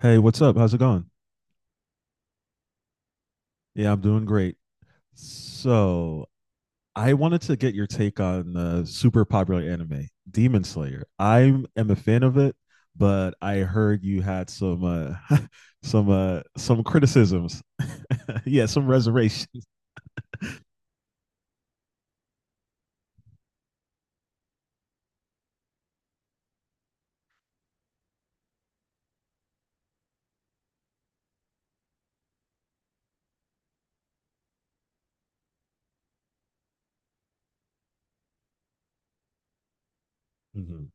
Hey, what's up? How's it going? Yeah, I'm doing great. So, I wanted to get your take on the super popular anime, Demon Slayer. I am a fan of it, but I heard you had some some criticisms. Yeah, some reservations. Hmm.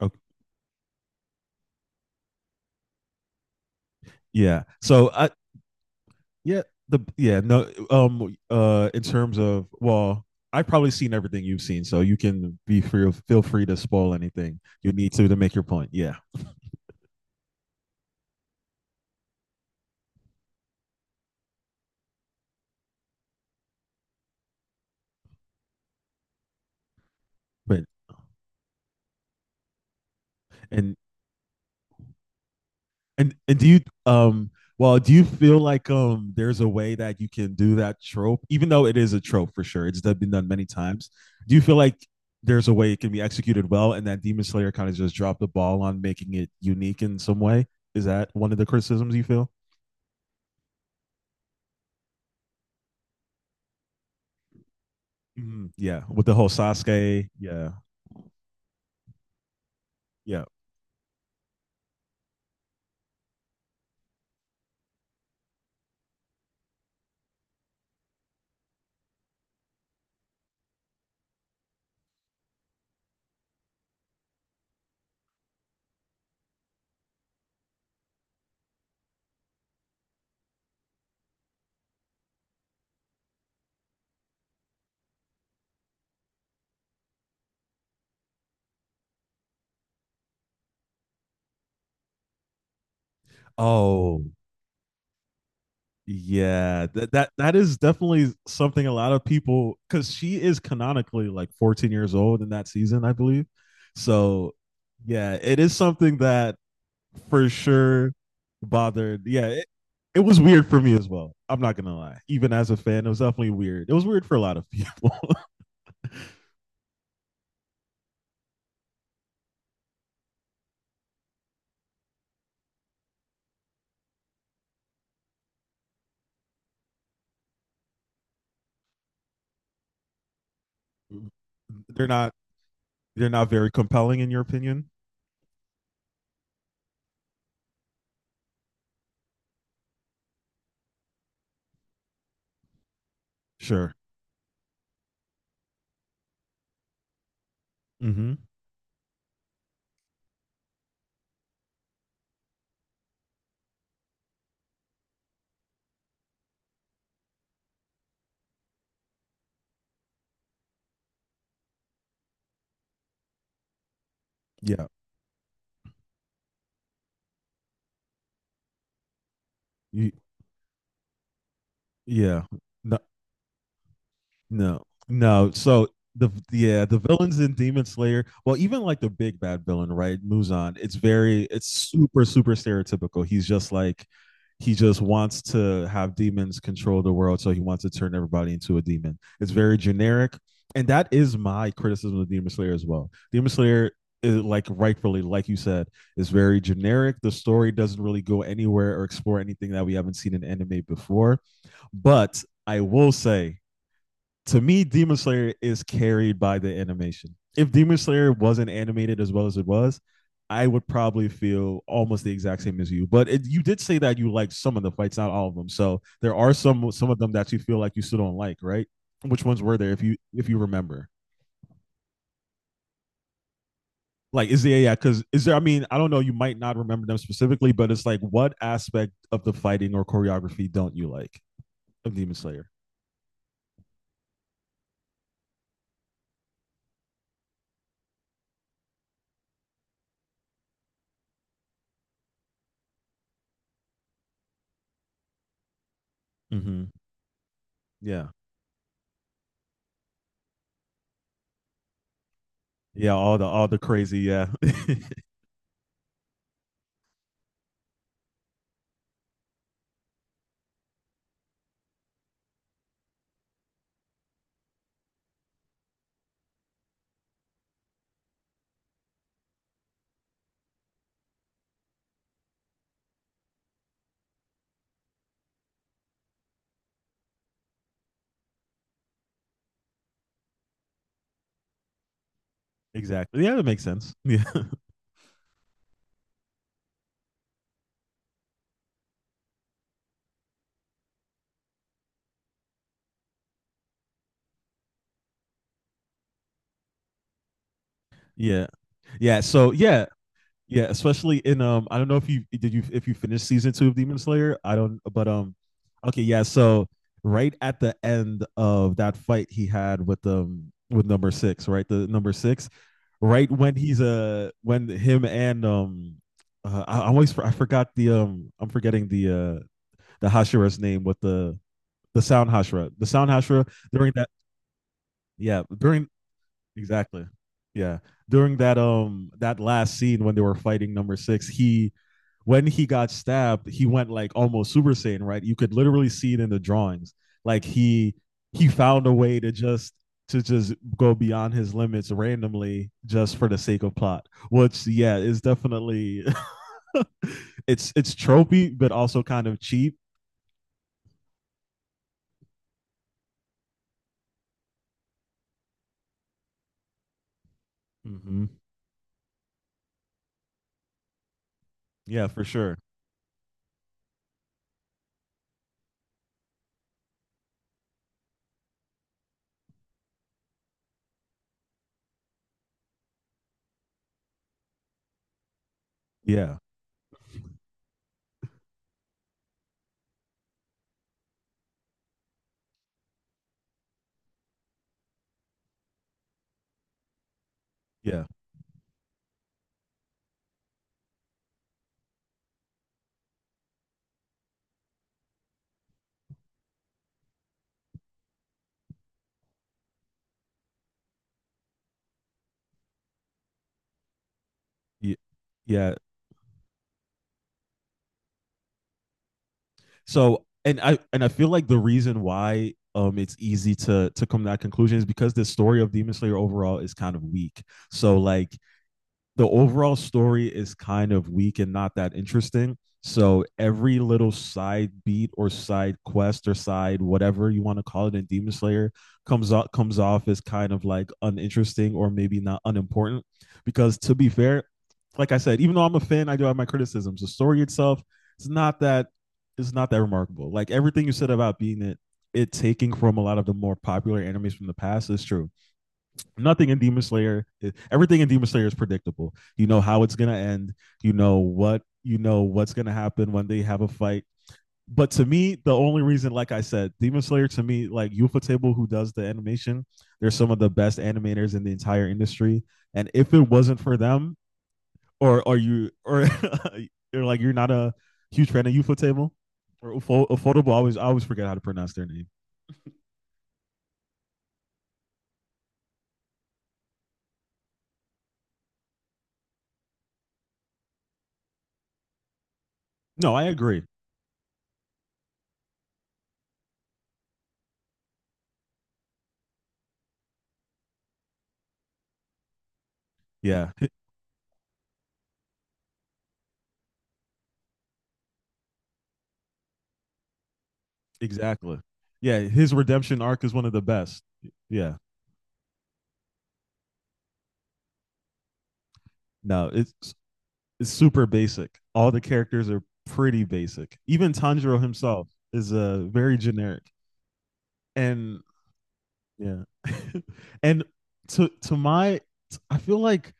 Okay. Yeah. So, I yeah, the yeah, no, in terms of, well, I've probably seen everything you've seen, so you can be free feel free to spoil anything you need to make your point. Yeah. But and and do you um well, do you feel like there's a way that you can do that trope, even though it is a trope, for sure it's been done many times. Do you feel like there's a way it can be executed well, and that Demon Slayer kind of just dropped the ball on making it unique in some way? Is that one of the criticisms you feel? Mhm. Yeah, with the whole Sasuke. Yeah. Yeah. Oh, yeah, that is definitely something a lot of people, because she is canonically like 14 years old in that season, I believe. So yeah, it is something that for sure bothered. Yeah, it was weird for me as well. I'm not gonna lie. Even as a fan, it was definitely weird. It was weird for a lot of people. they're not they're not very compelling, in your opinion. Sure. Mm-hmm. Yeah. You, yeah. No, no, no. So, the yeah, the villains in Demon Slayer, well, even like the big bad villain, right? Muzan. It's super, super stereotypical. He's just like, he just wants to have demons control the world, so he wants to turn everybody into a demon. It's very generic, and that is my criticism of Demon Slayer as well. Demon Slayer is, like, rightfully, like you said, is very generic. The story doesn't really go anywhere or explore anything that we haven't seen in anime before. But I will say, to me, Demon Slayer is carried by the animation. If Demon Slayer wasn't animated as well as it was, I would probably feel almost the exact same as you. But, you did say that you liked some of the fights, not all of them. So there are some of them that you feel like you still don't like, right? Which ones were there, if you remember? Like, is there, yeah? Because, is there? I mean, I don't know. You might not remember them specifically, but it's like, what aspect of the fighting or choreography don't you like of Demon Slayer? Mm-hmm. Yeah, yeah. All the crazy. Yeah, exactly. Yeah, that makes sense. Yeah. Yeah. Yeah. So yeah. Yeah. Especially in I don't know if you did you if you finished season two of Demon Slayer. I don't, but okay, yeah. So right at the end of that fight he had with number six, right? The number six, right when he's when him and, I forgot the I'm forgetting the Hashira's name with the sound Hashira. The sound Hashira during that. Yeah, during. Exactly. Yeah. During that last scene when they were fighting number six, he when he got stabbed, he went, like, almost Super Saiyan, right? You could literally see it in the drawings. Like, he found a way to just go beyond his limits randomly, just for the sake of plot. Which, yeah, is definitely, it's tropey, but also kind of cheap. Mm-hmm. Yeah, for sure. Yeah. Yeah. Yeah. Yeah, so, and I feel like the reason why it's easy to come to that conclusion is because the story of Demon Slayer overall is kind of weak. So, like, the overall story is kind of weak and not that interesting. So every little side beat or side quest or side whatever you want to call it in Demon Slayer comes off as kind of, like, uninteresting, or maybe not, unimportant. Because, to be fair, like I said, even though I'm a fan, I do have my criticisms. The story itself, it's not that it's not that remarkable. Like, everything you said about, being it it taking from a lot of the more popular animes from the past is true. Nothing in Demon Slayer, eh, everything in Demon Slayer is predictable. You know how it's gonna end. You know what's gonna happen when they have a fight. But to me, the only reason, like I said, Demon Slayer to me, like Ufotable, who does the animation, they're some of the best animators in the entire industry. And if it wasn't for them. Or are you, or you're, like, you're not a huge fan of Ufotable, or Affordable? I always forget how to pronounce their name. No, I agree. Yeah, exactly. Yeah, his redemption arc is one of the best. Yeah. No, it's super basic. All the characters are pretty basic. Even Tanjiro himself is, very generic. And yeah. And, to my I feel like,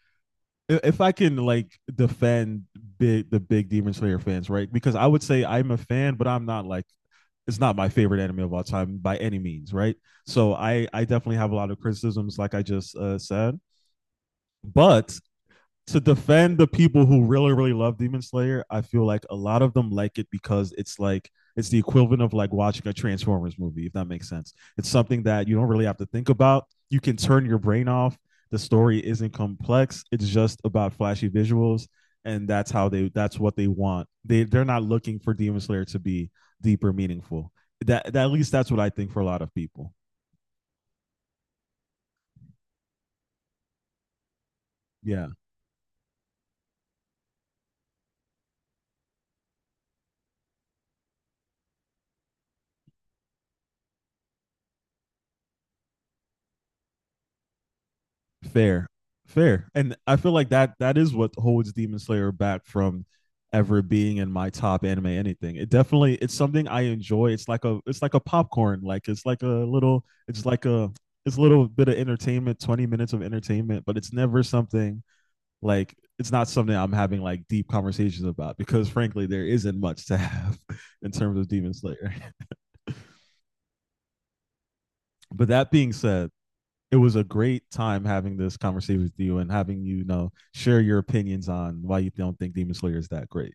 if I can, like, defend big the big Demon Slayer fans, right? Because I would say I'm a fan, but I'm not, like, it's not my favorite anime of all time by any means, right? So, I definitely have a lot of criticisms, like I just, said. But to defend the people who really really love Demon Slayer, I feel like a lot of them like it because it's like, it's the equivalent of like watching a Transformers movie, if that makes sense. It's something that you don't really have to think about. You can turn your brain off. The story isn't complex. It's just about flashy visuals, and that's what they want. They're not looking for Demon Slayer to be deep or meaningful. That, that At least, that's what I think for a lot of people. Yeah. Fair, fair, and I feel like that that is what holds Demon Slayer back from ever being in my top anime anything. It's something I enjoy. It's like a popcorn. Like, it's like a little it's a little bit of entertainment, 20 minutes of entertainment, but it's never something, like, it's not something I'm having, like, deep conversations about, because frankly there isn't much to have in terms of Demon Slayer. But that being said, it was a great time having this conversation with you and having you, you know share your opinions on why you don't think Demon Slayer is that great.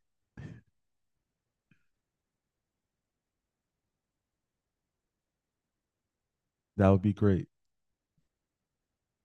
That would be great.